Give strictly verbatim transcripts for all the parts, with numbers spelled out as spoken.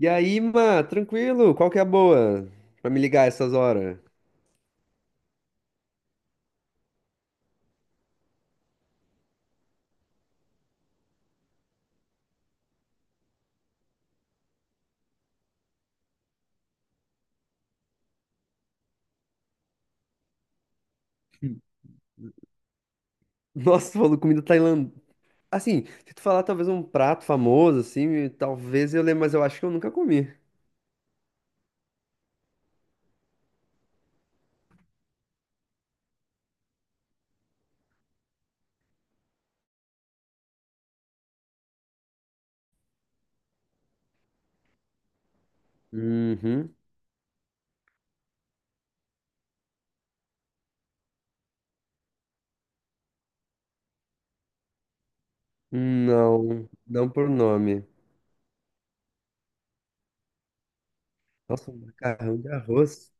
E aí, mano, tranquilo? Qual que é a boa pra me ligar essas horas? Nossa, tu falou comida tailandesa. Assim, se tu falar talvez um prato famoso, assim, talvez eu lembre, mas eu acho que eu nunca comi. Uhum. Não, não por nome. Nossa, um macarrão de arroz.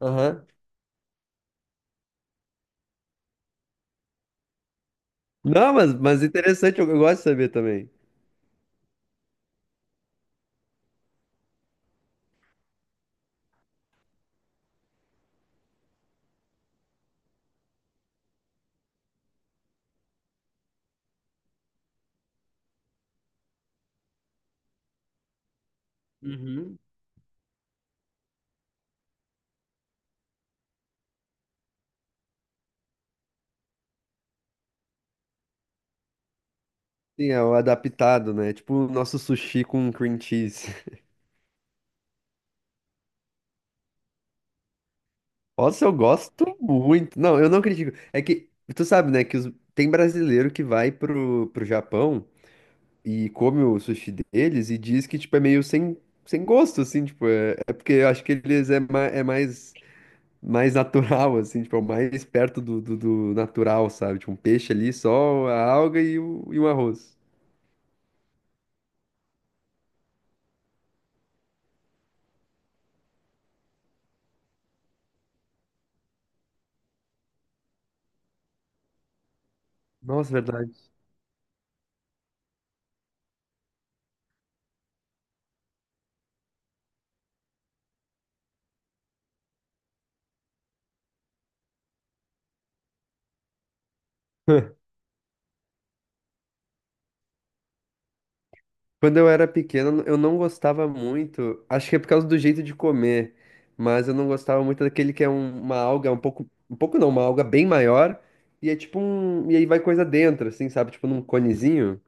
Aham. Não, mas, mas interessante, eu, eu gosto de saber também. Uhum. Sim, é o adaptado, né? Tipo o nosso sushi com cream cheese. Nossa, eu gosto muito. Não, eu não critico. É que, tu sabe, né, que os- tem brasileiro que vai pro, pro Japão e come o sushi deles e diz que, tipo, é meio sem, sem gosto, assim, tipo, é, é porque eu acho que eles é, ma- é mais, mais natural, assim, tipo, é o mais perto do, do, do natural, sabe? Tipo, um peixe ali, só a alga e, o, e um arroz. Nossa, verdade. Quando eu era pequeno, eu não gostava muito. Acho que é por causa do jeito de comer, mas eu não gostava muito daquele que é um- uma alga um pouco, um pouco não, uma alga bem maior e é tipo um, e aí vai coisa dentro, assim, sabe? Tipo num conezinho.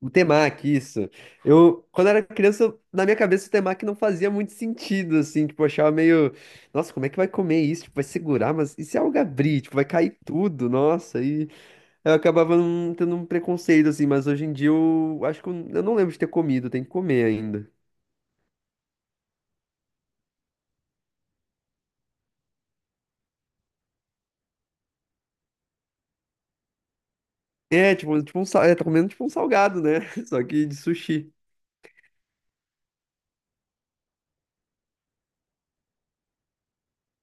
O temaki, isso. Eu, quando era criança, eu- na minha cabeça o temaki não fazia muito sentido, assim, tipo, eu achava meio, nossa, como é que vai comer isso? Tipo, vai segurar, mas e se a alga abrir? Tipo, vai cair tudo, nossa, e eu acabava não tendo um preconceito, assim, mas hoje em dia eu acho que eu, eu não lembro de ter comido, tem que comer ainda. É, tipo, um, tipo um, sal- é, tá comendo tipo um salgado, né? Só que de sushi.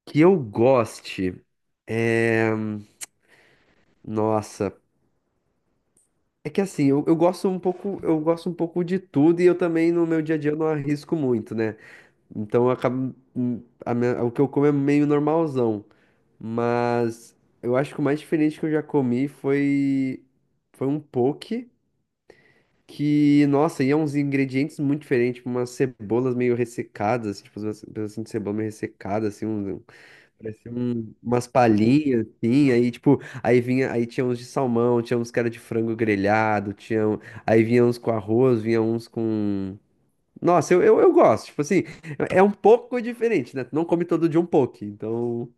Que eu goste. é, Nossa, é que assim, eu, eu gosto um pouco, eu gosto um pouco de tudo e eu também no meu dia a dia eu não arrisco muito, né? Então eu acabo, hum, a minha- o que eu como é meio normalzão, mas eu acho que o mais diferente que eu já comi foi foi um poke. Que, nossa, iam uns ingredientes muito diferentes, tipo umas cebolas meio ressecadas, assim, tipo umas pedacinhos de cebola meio ressecada, assim, um, parecia um- umas palhinhas, assim, aí, tipo, aí vinha, aí tinha uns de salmão, tinha uns que era de frango grelhado, tinha, um- aí vinha uns com arroz, vinha uns com... Nossa, eu, eu, eu gosto, tipo assim, é é um pouco diferente, né? Tu não come todo dia um poke, então,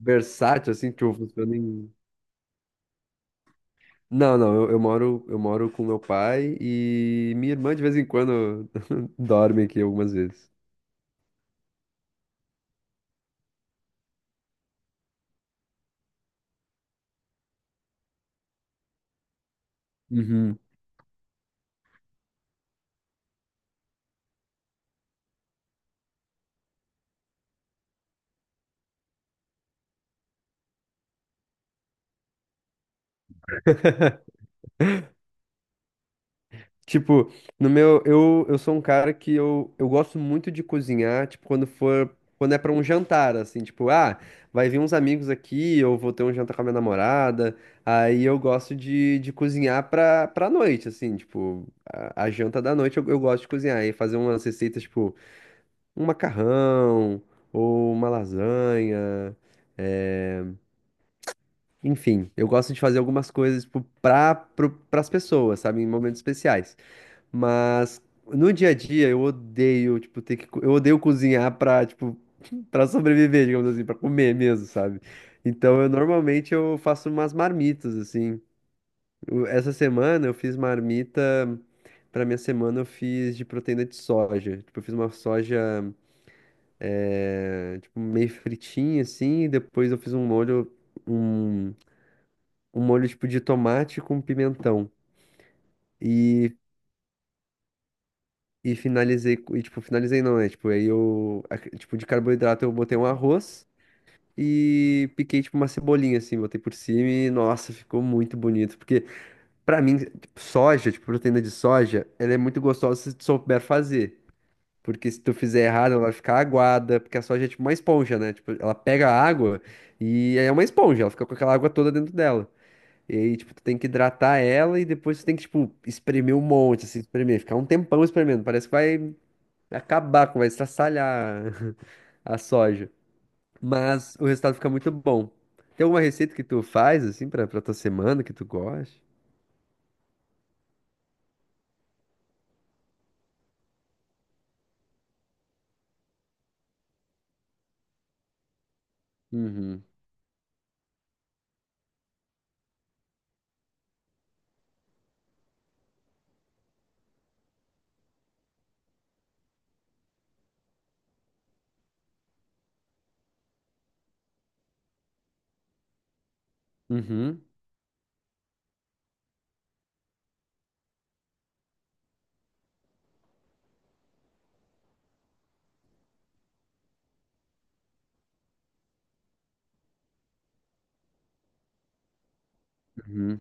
versátil, assim, tipo, funciona. Não, não, eu, eu moro, eu moro com meu pai e minha irmã de vez em quando dorme aqui algumas vezes. Uhum. Tipo, no meu, eu, eu sou um cara que eu, eu gosto muito de cozinhar, tipo, quando for, quando é pra um jantar, assim, tipo, ah, vai vir uns amigos aqui, eu vou ter um jantar com a minha namorada, aí eu gosto de, de cozinhar pra, pra noite, assim, tipo, a, a janta da noite eu, eu gosto de cozinhar e fazer umas receitas, tipo, um macarrão ou uma lasanha. eh, Enfim, eu gosto de fazer algumas coisas tipo, para as pessoas, sabe? Em momentos especiais. Mas no dia a dia eu odeio, tipo, ter que. co- eu odeio cozinhar para tipo, para sobreviver, digamos assim, para comer mesmo, sabe? Então eu normalmente eu faço umas marmitas, assim. O- Essa semana eu fiz marmita. Pra minha semana eu fiz de proteína de soja. Tipo, eu fiz uma soja. É, tipo, meio fritinha assim, e depois eu fiz um molho, um, um molho tipo de tomate com pimentão. E, e finalizei, co- e tipo, finalizei não, né? Tipo, aí eu, a- tipo, de carboidrato eu botei um arroz e piquei tipo uma cebolinha assim, botei por cima e nossa, ficou muito bonito, porque pra mim, tipo, soja, tipo, proteína de soja, ela é muito gostosa se tu souber fazer. Porque se tu fizer errado, ela vai ficar aguada, porque a soja é tipo uma esponja, né? Tipo, ela pega a água e aí é uma esponja, ela fica com aquela água toda dentro dela. E aí, tipo, tu tem que hidratar ela e depois tu tem que, tipo, espremer um monte, assim, espremer, ficar um tempão espremendo. Parece que vai acabar, com- vai estraçalhar a soja. Mas o resultado fica muito bom. Tem alguma receita que tu faz, assim, pra, pra tua semana que tu goste? Uhum. Uhum. Uhum.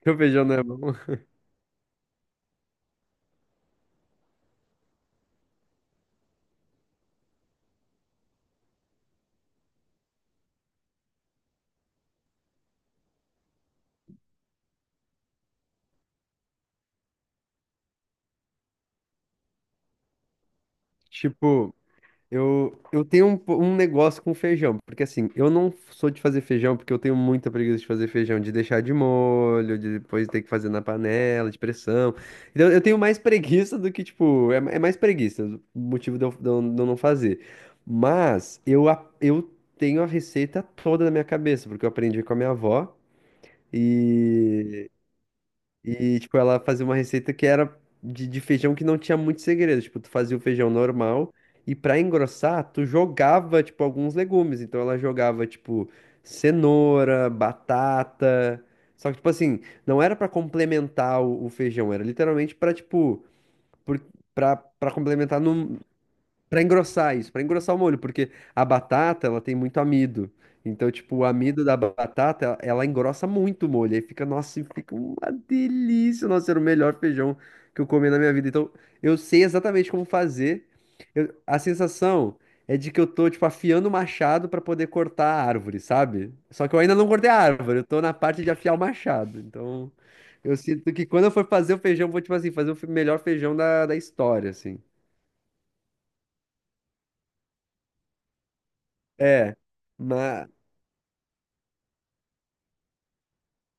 Porque o feijão não é bom. Tipo, Eu, eu tenho um, um negócio com feijão, porque assim, eu não sou de fazer feijão porque eu tenho muita preguiça de fazer feijão, de deixar de molho, de depois ter que fazer na panela, de pressão. Então eu tenho mais preguiça do que, tipo, é, é mais preguiça, o motivo de eu, de eu- de eu não fazer. Mas eu, a- eu tenho a receita toda na minha cabeça, porque eu aprendi com a minha avó. E e, tipo, ela fazia uma receita que era de, de feijão que não tinha muito segredo. Tipo, tu fazia o feijão normal e pra engrossar, tu jogava, tipo, alguns legumes. Então ela jogava, tipo, cenoura, batata. Só que, tipo assim, não era pra complementar o, o feijão, era literalmente pra, tipo, por, pra, pra complementar num- pra engrossar isso, pra engrossar o molho, porque a batata, ela tem muito amido. Então, tipo, o amido da batata, ela ela engrossa muito o molho. Aí fica, nossa, e fica uma delícia. Nossa, era o melhor feijão que eu comi na minha vida. Então, eu sei exatamente como fazer. Eu- a sensação é de que eu tô, tipo, afiando o machado pra poder cortar a árvore, sabe? Só que eu ainda não cortei a árvore, eu tô na parte de afiar o machado. Então, eu sinto que quando eu for fazer o feijão, eu vou, tipo assim, fazer o fe- melhor feijão da, da história, assim. É. Mas,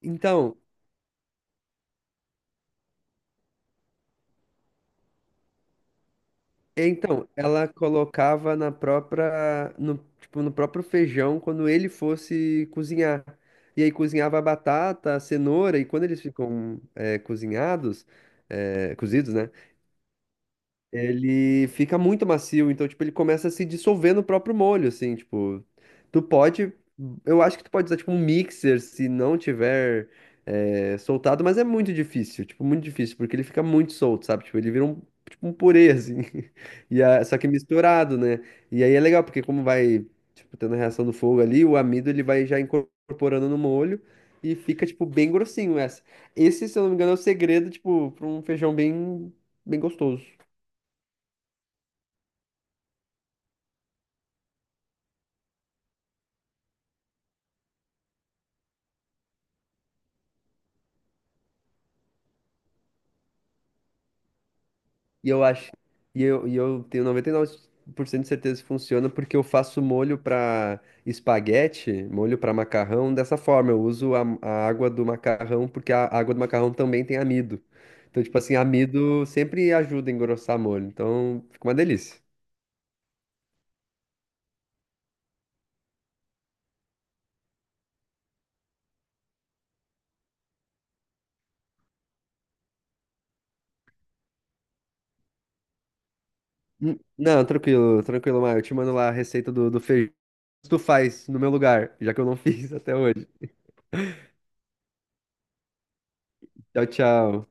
Então, então, ela colocava na própria, no, tipo, no próprio feijão quando ele fosse cozinhar. E aí cozinhava a batata, a cenoura, e quando eles ficam é, cozinhados, é, cozidos, né? Ele fica muito macio, então, tipo, ele começa a se dissolver no próprio molho, assim, tipo, tu pode, eu acho que tu pode usar, tipo, um mixer se não tiver eh, soltado, mas é muito difícil, tipo, muito difícil, porque ele fica muito solto, sabe, tipo, ele vira um, tipo, um purê, assim, e a- só que misturado, né, e aí é legal, porque como vai, tipo, tendo a reação do fogo ali, o amido, ele vai já incorporando no molho. E fica, tipo, bem grossinho essa. Esse, se eu não me engano, é o segredo, tipo, pra um feijão bem, bem gostoso. E eu acho. E eu, e eu tenho noventa e nove por cento de certeza que funciona porque eu faço molho para espaguete, molho para macarrão dessa forma. Eu uso a, a água do macarrão porque a água do macarrão também tem amido. Então, tipo assim, amido sempre ajuda a engrossar molho. Então, fica uma delícia. Hum, Não, tranquilo, tranquilo, Maio. Eu te mando lá a receita do, do feijão. Tu faz no meu lugar, já que eu não fiz até hoje. Tchau, tchau.